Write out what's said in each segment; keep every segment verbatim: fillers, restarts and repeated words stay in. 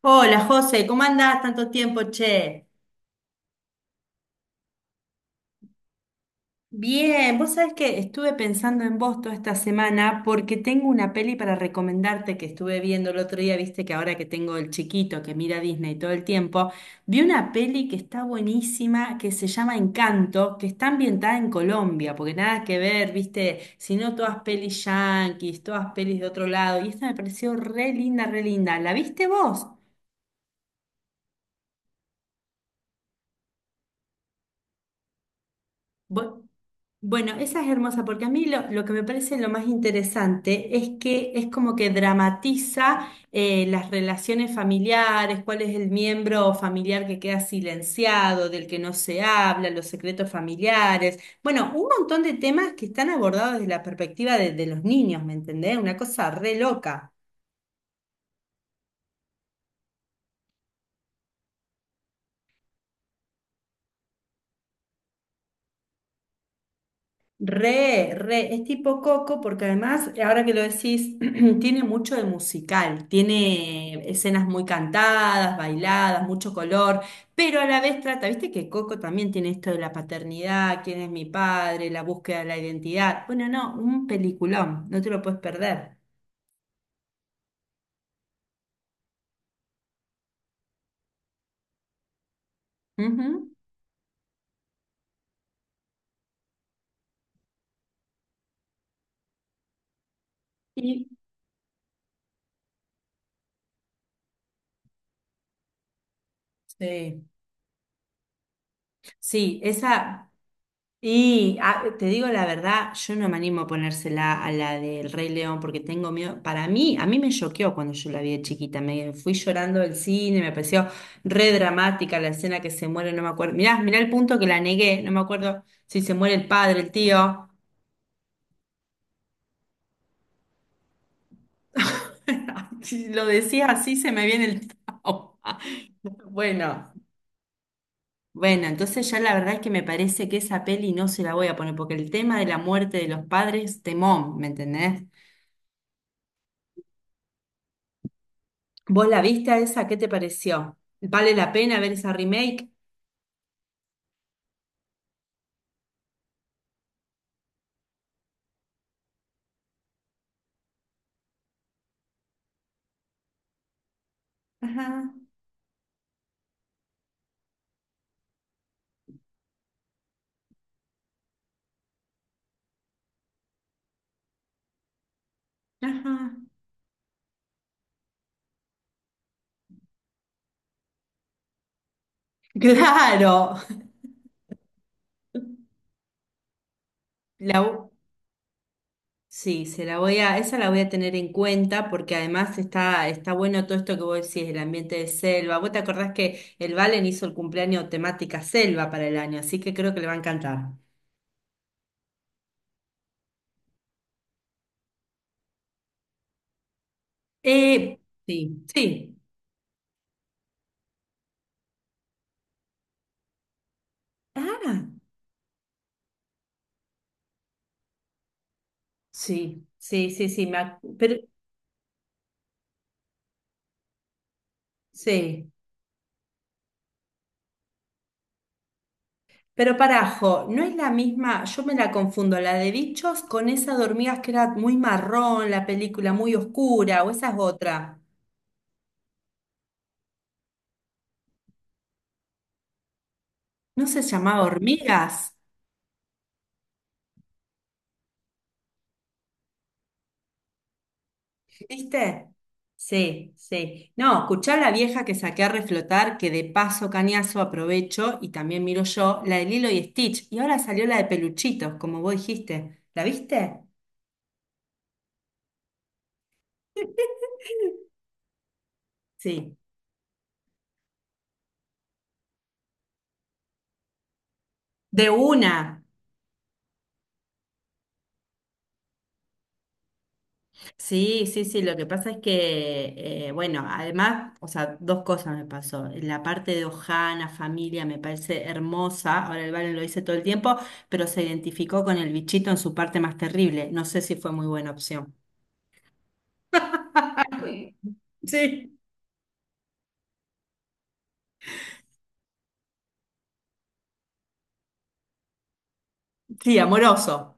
Hola José, ¿cómo andás tanto tiempo, che? Bien, vos sabés que estuve pensando en vos toda esta semana porque tengo una peli para recomendarte que estuve viendo el otro día, viste que ahora que tengo el chiquito que mira Disney todo el tiempo, vi una peli que está buenísima, que se llama Encanto, que está ambientada en Colombia, porque nada que ver, viste, sino todas pelis yanquis, todas pelis de otro lado, y esta me pareció re linda, re linda. ¿La viste vos? Bu- Bueno, esa es hermosa porque a mí lo, lo que me parece lo más interesante es que es como que dramatiza eh, las relaciones familiares, cuál es el miembro familiar que queda silenciado, del que no se habla, los secretos familiares. Bueno, un montón de temas que están abordados desde la perspectiva de, de los niños, ¿me entendés? Una cosa re loca. Re, re, es tipo Coco porque además, ahora que lo decís, tiene mucho de musical, tiene escenas muy cantadas, bailadas, mucho color, pero a la vez trata, viste que Coco también tiene esto de la paternidad, quién es mi padre, la búsqueda de la identidad. Bueno, no, un peliculón, no te lo puedes perder. Ujú. Y sí. Sí, esa. Y ah, te digo la verdad, yo no me animo a ponérsela a la del Rey León porque tengo miedo. Para mí, a mí me choqueó cuando yo la vi de chiquita. Me fui llorando del cine, me pareció re dramática la escena que se muere, no me acuerdo. Mirá, mirá el punto que la negué, no me acuerdo si se muere el padre, el tío. Si lo decía así, se me viene el trauma. Bueno. Bueno, entonces ya la verdad es que me parece que esa peli no se la voy a poner, porque el tema de la muerte de los padres, temón, ¿me entendés? ¿Vos la viste a esa? ¿Qué te pareció? ¿Vale la pena ver esa remake? Ajá, ajá. Claro. La, vo- sí, se la voy a, esa la voy a tener en cuenta porque además está, está bueno todo esto que vos decís, el ambiente de selva. Vos te acordás que el Valen hizo el cumpleaños temática selva para el año, así que creo que le va a encantar. Eh, sí, sí. Ah. Sí, sí, sí, sí, me ac- pero sí, pero parajo, no es la misma, yo me la confundo, la de Bichos con esa de hormigas que era muy marrón, la película muy oscura, o esa es otra. ¿No se llamaba Hormigas? ¿Viste? Sí, sí. No, escuchá la vieja que saqué a reflotar, que de paso cañazo aprovecho y también miro yo, la de Lilo y Stitch, y ahora salió la de Peluchitos, como vos dijiste. ¿La viste? Sí, de una. Sí, sí, sí, lo que pasa es que, eh, bueno, además, o sea, dos cosas me pasó. La parte de Ojana, familia, me parece hermosa. Ahora el Valen lo dice todo el tiempo, pero se identificó con el bichito en su parte más terrible. No sé si fue muy buena opción. Sí. Sí, amoroso.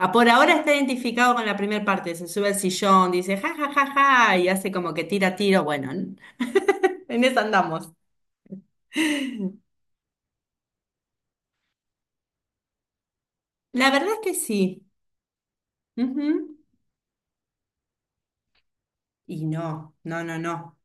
Ah, por ahora está identificado con la primera parte. Se sube al sillón, dice ja, ja, ja, ja, y hace como que tira tiro. Bueno, en eso andamos. La verdad es que sí. Ujú. Y no, no, no, no.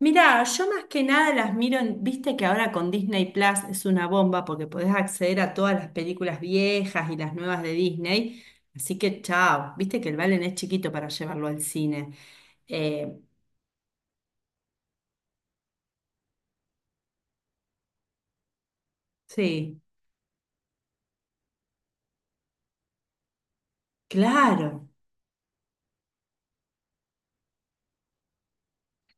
Mirá, yo más que nada las miro en, viste que ahora con Disney Plus es una bomba porque podés acceder a todas las películas viejas y las nuevas de Disney. Así que chao, viste que el Valen es chiquito para llevarlo al cine. Eh, sí, claro.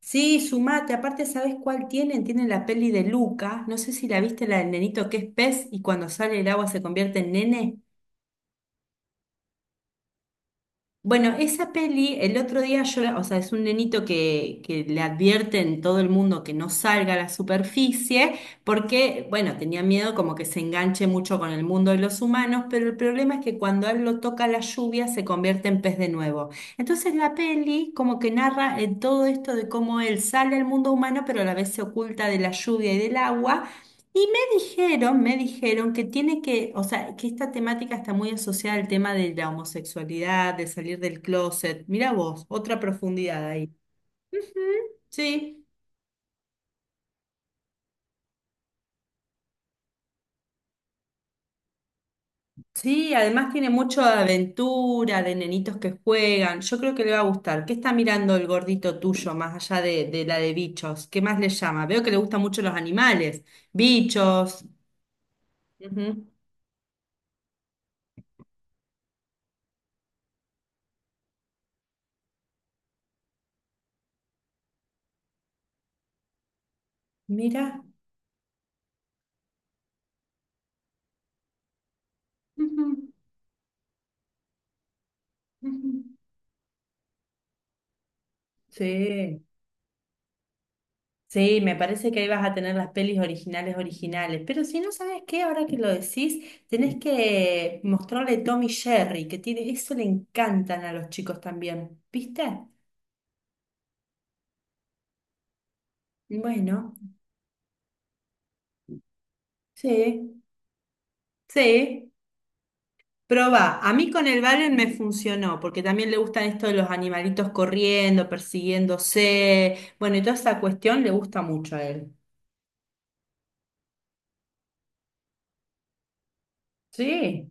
Sí, sumate. Aparte, ¿sabés cuál tienen? Tienen la peli de Luca. No sé si la viste, la del nenito que es pez y cuando sale el agua se convierte en nene. Bueno, esa peli, el otro día yo, la- o sea, es un nenito que, que le advierte en todo el mundo que no salga a la superficie, porque, bueno, tenía miedo como que se enganche mucho con el mundo de los humanos, pero el problema es que cuando a él lo toca la lluvia se convierte en pez de nuevo. Entonces la peli como que narra eh, todo esto de cómo él sale al mundo humano, pero a la vez se oculta de la lluvia y del agua dijeron, me dijeron que tiene que, o sea, que esta temática está muy asociada al tema de la homosexualidad, de salir del closet. Mira vos, otra profundidad ahí. Ujú, sí. Sí, además tiene mucho de aventura, de nenitos que juegan. Yo creo que le va a gustar. ¿Qué está mirando el gordito tuyo más allá de, de la de bichos? ¿Qué más le llama? Veo que le gustan mucho los animales. Bichos. Ujú. Mira. Ujú, ujú. Sí. Sí, me parece que ahí vas a tener las pelis originales originales. Pero si no sabes qué, ahora que lo decís, tenés que mostrarle Tommy Jerry, que tiene, eso le encantan a los chicos también. ¿Viste? Bueno, sí, sí. Probá. A mí con el Valen me funcionó, porque también le gustan esto de los animalitos corriendo, persiguiéndose. Bueno, y toda esa cuestión le gusta mucho a él. Sí.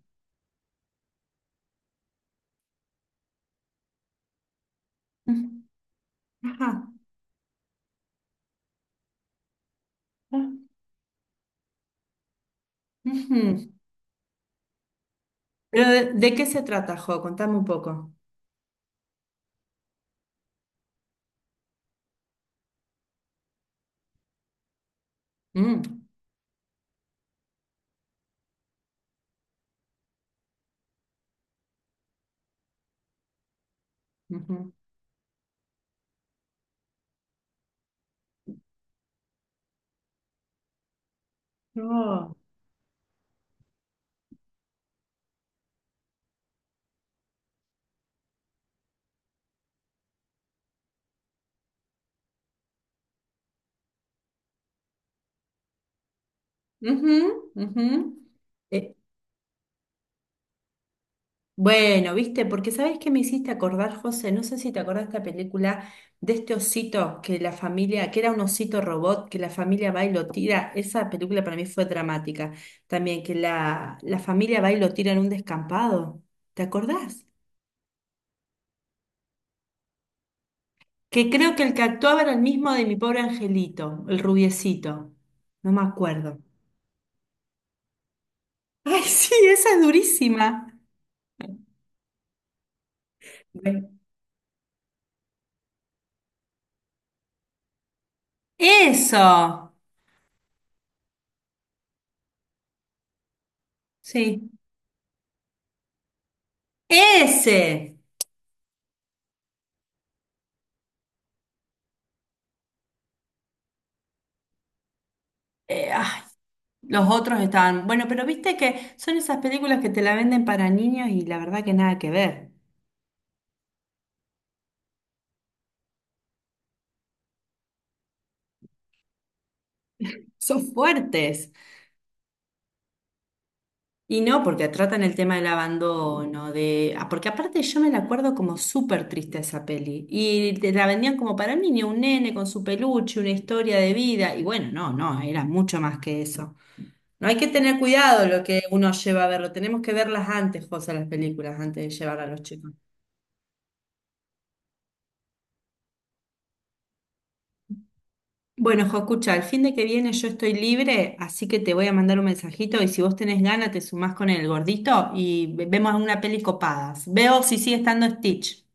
Mm, ajá. Ah, ujú. ¿Pero de, de qué se trata, Jo? Contame un poco. Mm, ujú. No. Ujú, ujú. Eh, bueno, viste, porque sabes que me hiciste acordar, José, no sé si te acordás de esta película de este osito que la familia, que era un osito robot, que la familia va y lo tira. Esa película para mí fue dramática también, que la, la familia va y lo tira en un descampado. ¿Te acordás? Que creo que el que actuaba era el mismo de mi pobre angelito, el rubiecito. No me acuerdo. Ay, sí, esa es durísima. Eso, sí, ese. Eh, ay, los otros estaban. Bueno, pero viste que son esas películas que te la venden para niños y la verdad que nada que ver. Son fuertes. Y no, porque tratan el tema del abandono, de... ah, porque aparte yo me la acuerdo como súper triste esa peli. Y te la vendían como para niño, un nene con su peluche, una historia de vida. Y bueno, no, no, era mucho más que eso. No hay que tener cuidado lo que uno lleva a verlo. Tenemos que verlas antes, José, las películas, antes de llevar a los chicos. Bueno, Jo, escucha, el fin de que viene yo estoy libre, así que te voy a mandar un mensajito y si vos tenés ganas te sumás con el gordito y ve- vemos una peli copadas. Veo si sigue estando Stitch.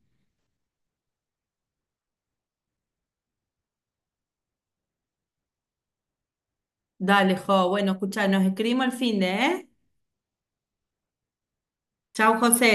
Dale, Jo. Bueno, escucha, nos escribimos el fin de, ¿eh? Chau, José.